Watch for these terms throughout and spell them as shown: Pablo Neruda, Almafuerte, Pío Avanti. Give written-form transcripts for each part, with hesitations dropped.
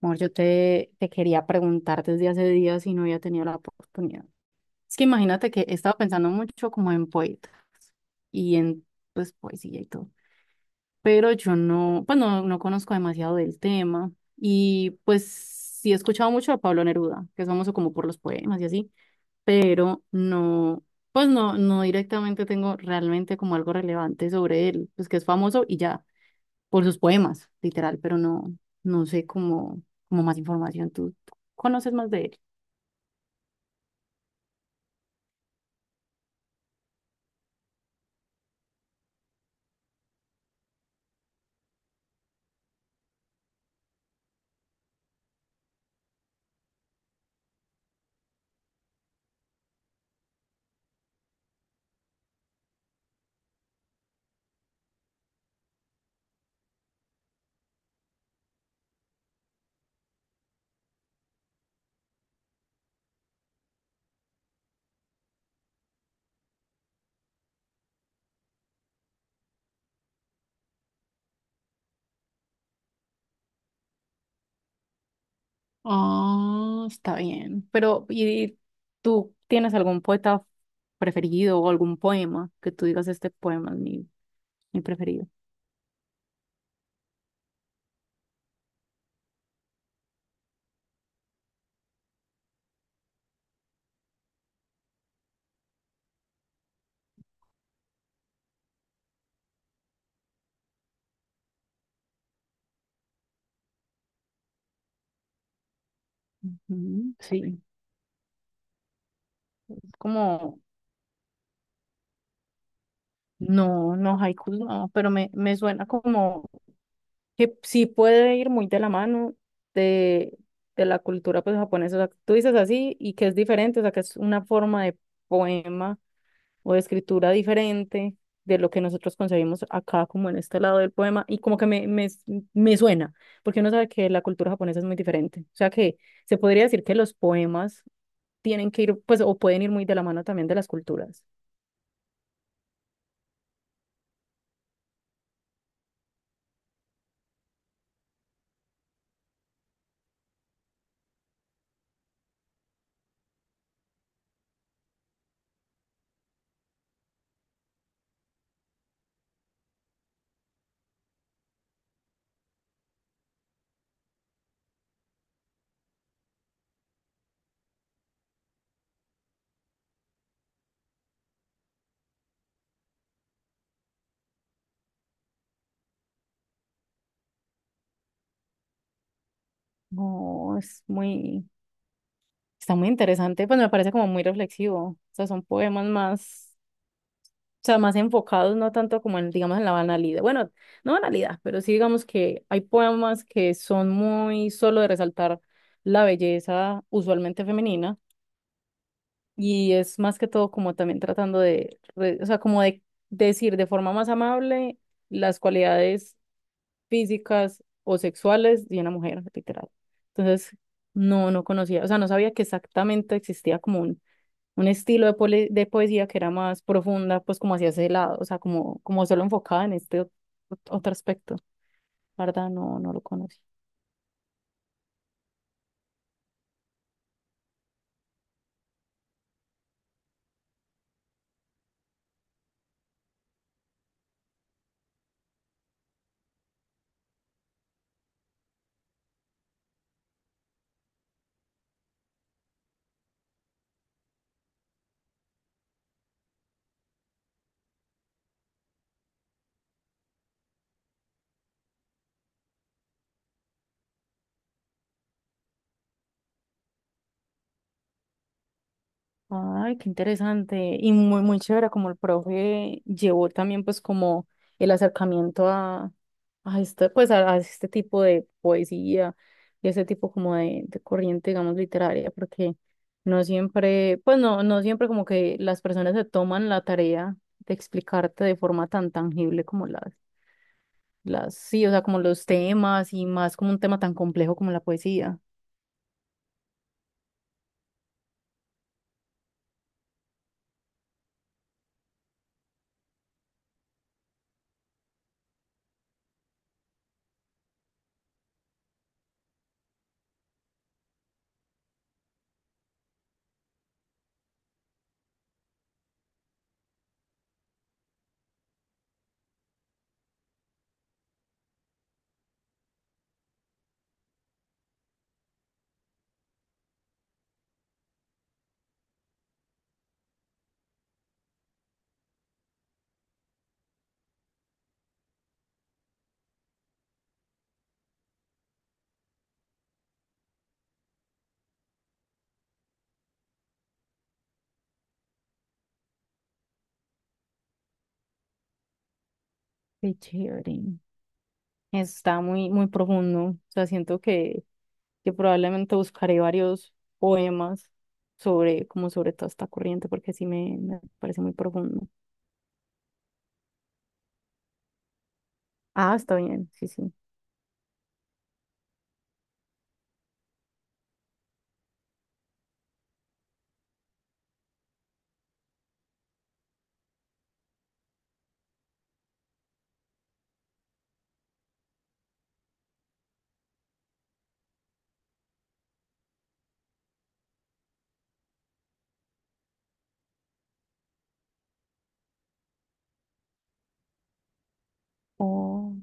Amor, yo te quería preguntar desde hace días y no había tenido la oportunidad. Es que imagínate que he estado pensando mucho como en poetas y en pues poesía y todo, pero yo no, pues no, no conozco demasiado del tema y pues sí he escuchado mucho a Pablo Neruda, que es famoso como por los poemas y así, pero no, pues no, no directamente tengo realmente como algo relevante sobre él, pues que es famoso y ya por sus poemas, literal, pero no, no sé cómo, cómo más información. ¿Tú conoces más de él? Ah, está bien. Pero, ¿y tú tienes algún poeta preferido o algún poema que tú digas este poema es mi preferido? Ujú. Sí, como, no, no, haikus no, pero me suena como que sí puede ir muy de la mano de, de la cultura pues, japonesa. O sea, tú dices así y que es diferente, o sea, que es una forma de poema o de escritura diferente de lo que nosotros concebimos acá, como en este lado del poema, y como que me suena, porque uno sabe que la cultura japonesa es muy diferente. O sea que se podría decir que los poemas tienen que ir, pues, o pueden ir muy de la mano también de las culturas. No, es muy, está muy interesante, pues me parece como muy reflexivo. O sea, son poemas más. O sea, más enfocados, no tanto como en, digamos, en la banalidad. Bueno, no banalidad, pero sí digamos que hay poemas que son muy solo de resaltar la belleza usualmente femenina y es más que todo como también tratando de o sea, como de decir de forma más amable las cualidades físicas o sexuales de una mujer, literal. Entonces, no, no conocía, o sea, no sabía que exactamente existía como un estilo de poesía que era más profunda, pues como hacia ese lado, o sea, como, como solo enfocada en este otro aspecto. La verdad, no, no lo conocí. Ay, qué interesante. Y muy, muy chévere, como el profe llevó también pues como el acercamiento a este, pues a este tipo de poesía y ese tipo como de corriente, digamos, literaria, porque no siempre, pues no, no siempre como que las personas se toman la tarea de explicarte de forma tan tangible como las, sí, o sea, como los temas y más como un tema tan complejo como la poesía. Qué chévere. Está muy, muy profundo. O sea, siento que probablemente buscaré varios poemas sobre, como sobre toda esta corriente, porque sí me parece muy profundo. Ah, está bien, sí, sí. Oh,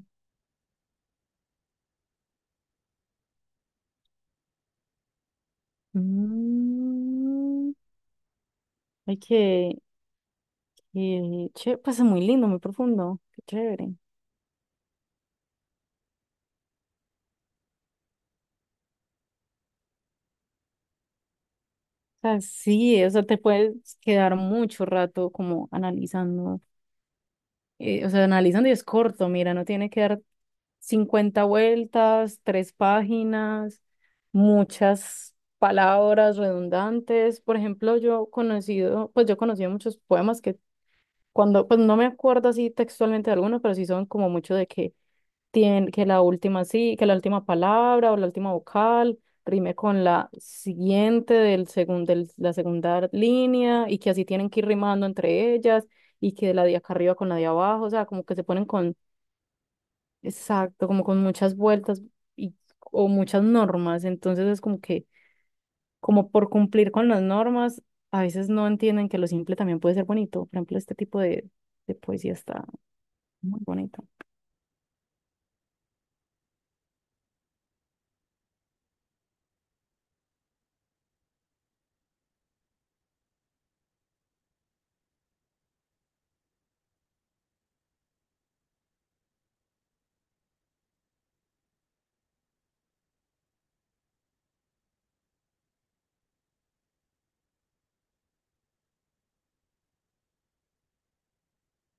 mm, ay, pues es muy lindo, muy profundo. Qué chévere. O sea, sí, o sea, te puedes quedar mucho rato como analizando o sea, analizando y es corto, mira, no tiene que dar 50 vueltas, tres páginas, muchas palabras redundantes. Por ejemplo, yo he conocido muchos poemas que cuando, pues no me acuerdo así textualmente de algunos, pero sí son como mucho de que que la última palabra o la última vocal rime con la siguiente del la segunda línea y que así tienen que ir rimando entre ellas y que la de acá arriba con la de abajo, o sea, como que se ponen con, exacto, como con muchas vueltas y, o muchas normas, entonces es como que, como por cumplir con las normas, a veces no entienden que lo simple también puede ser bonito, por ejemplo, este tipo de poesía está muy bonito.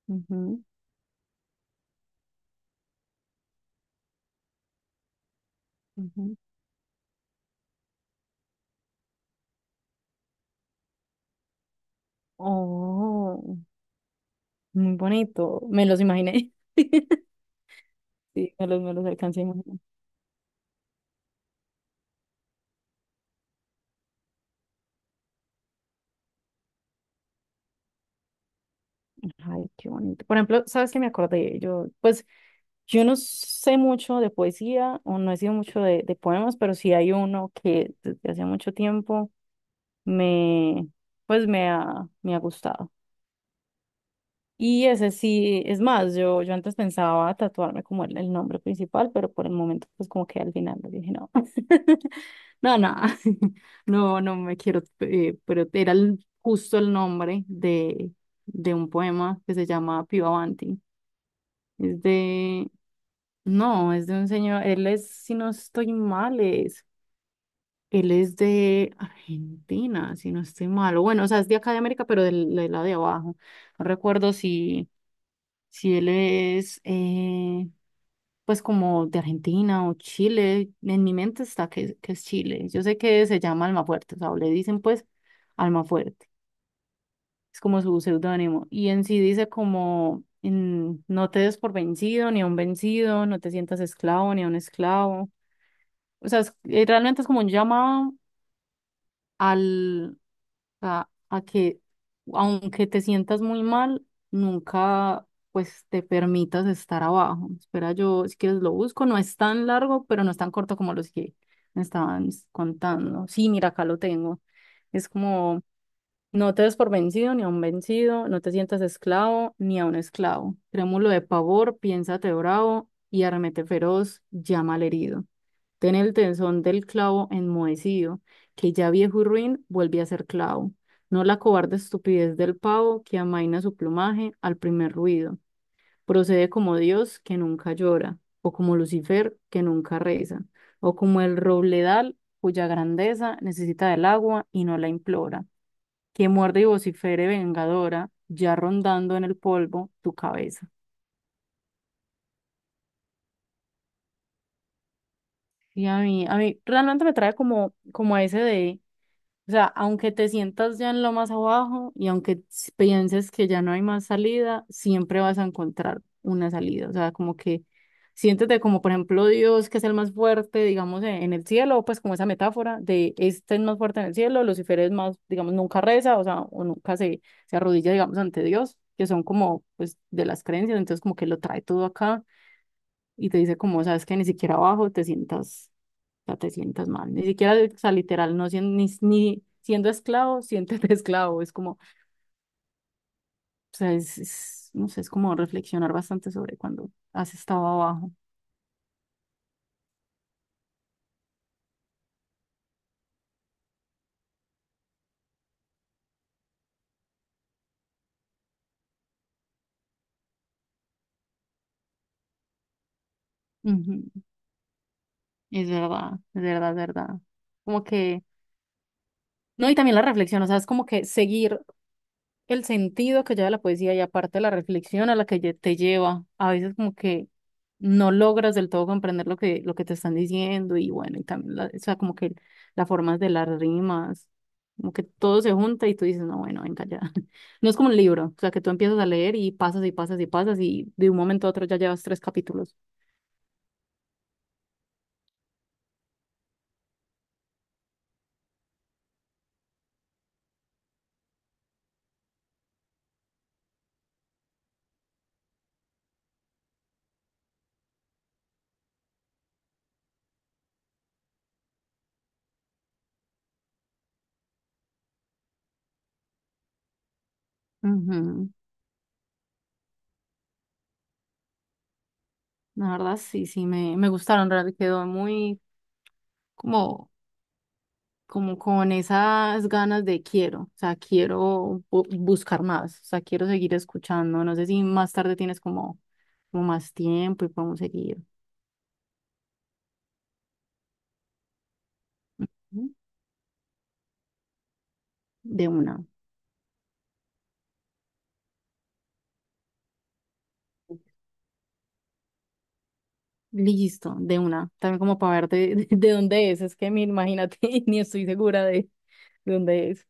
Ujú, ujú. Oh. Muy bonito, me los imaginé. Sí, me los alcancé a imaginar. Ay, qué bonito. Por ejemplo, ¿sabes qué me acordé? Yo, pues, yo no sé mucho de poesía o no he sido mucho de poemas, pero sí hay uno que desde hace mucho tiempo me, pues, me ha gustado. Y ese sí, es más, yo antes pensaba tatuarme como el nombre principal, pero por el momento pues como que al final dije no, no, no, no, no me quiero, pero era justo el nombre de un poema que se llama Pío Avanti. Es de, no, es de un señor, él es, si no estoy mal, es, él es de Argentina, si no estoy mal, o bueno, o sea, es de acá de América, pero del lado de abajo. No recuerdo si. Si él es, pues como de Argentina o Chile, en mi mente está que es Chile. Yo sé que se llama Almafuerte, o sea, o le dicen pues Almafuerte, es como su seudónimo. Y en sí dice como, en, no te des por vencido, ni a un vencido, no te sientas esclavo, ni a un esclavo. O sea, realmente es como un llamado al, a que aunque te sientas muy mal, nunca pues te permitas estar abajo. Espera, yo si quieres lo busco, no es tan largo, pero no es tan corto como los que me estaban contando. Sí, mira, acá lo tengo. Es como, no te des por vencido ni a un vencido, no te sientas esclavo ni a un esclavo. Trémulo de pavor, piénsate bravo y arremete feroz, llama al herido. Ten el tenzón del clavo enmohecido, que ya viejo y ruin vuelve a ser clavo. No la cobarde estupidez del pavo que amaina su plumaje al primer ruido. Procede como Dios que nunca llora, o como Lucifer que nunca reza, o como el robledal cuya grandeza necesita del agua y no la implora, que muerde y vocifere vengadora, ya rondando en el polvo tu cabeza. Y a mí realmente me trae como, como a ese de. O sea, aunque te sientas ya en lo más abajo y aunque pienses que ya no hay más salida, siempre vas a encontrar una salida. O sea, como que siéntete como, por ejemplo, Dios, que es el más fuerte, digamos, en el cielo, pues como esa metáfora de este es más fuerte en el cielo, Lucifer es más, digamos, nunca reza, o sea, o nunca se arrodilla, digamos, ante Dios, que son como, pues, de las creencias, entonces como que lo trae todo acá y te dice como, sabes que ni siquiera abajo te sientas, o sea, te sientas mal, ni siquiera, o sea, literal, ni siendo esclavo, siéntete esclavo, es como, o sea, no sé, es como reflexionar bastante sobre cuando has estado abajo. Ujú. Es verdad, es verdad, es verdad. Como que, no, y también la reflexión, o sea, es como que seguir el sentido que lleva la poesía y aparte la reflexión a la que te lleva. A veces como que no logras del todo comprender lo lo que te están diciendo y bueno, y también, la, o sea, como que las formas de las rimas, como que todo se junta y tú dices, no, bueno, venga ya. No es como un libro, o sea, que tú empiezas a leer y pasas y pasas y pasas y de un momento a otro ya llevas tres capítulos. Ujú. La verdad, sí, sí, me gustaron, en realidad quedó muy como como con esas ganas de quiero, o sea, quiero buscar más, o sea, quiero seguir escuchando. No sé si más tarde tienes como, como más tiempo y podemos seguir. Ujú. De una. Listo, de una. También como para ver de, de dónde es. Es que me imagínate, ni estoy segura de dónde es.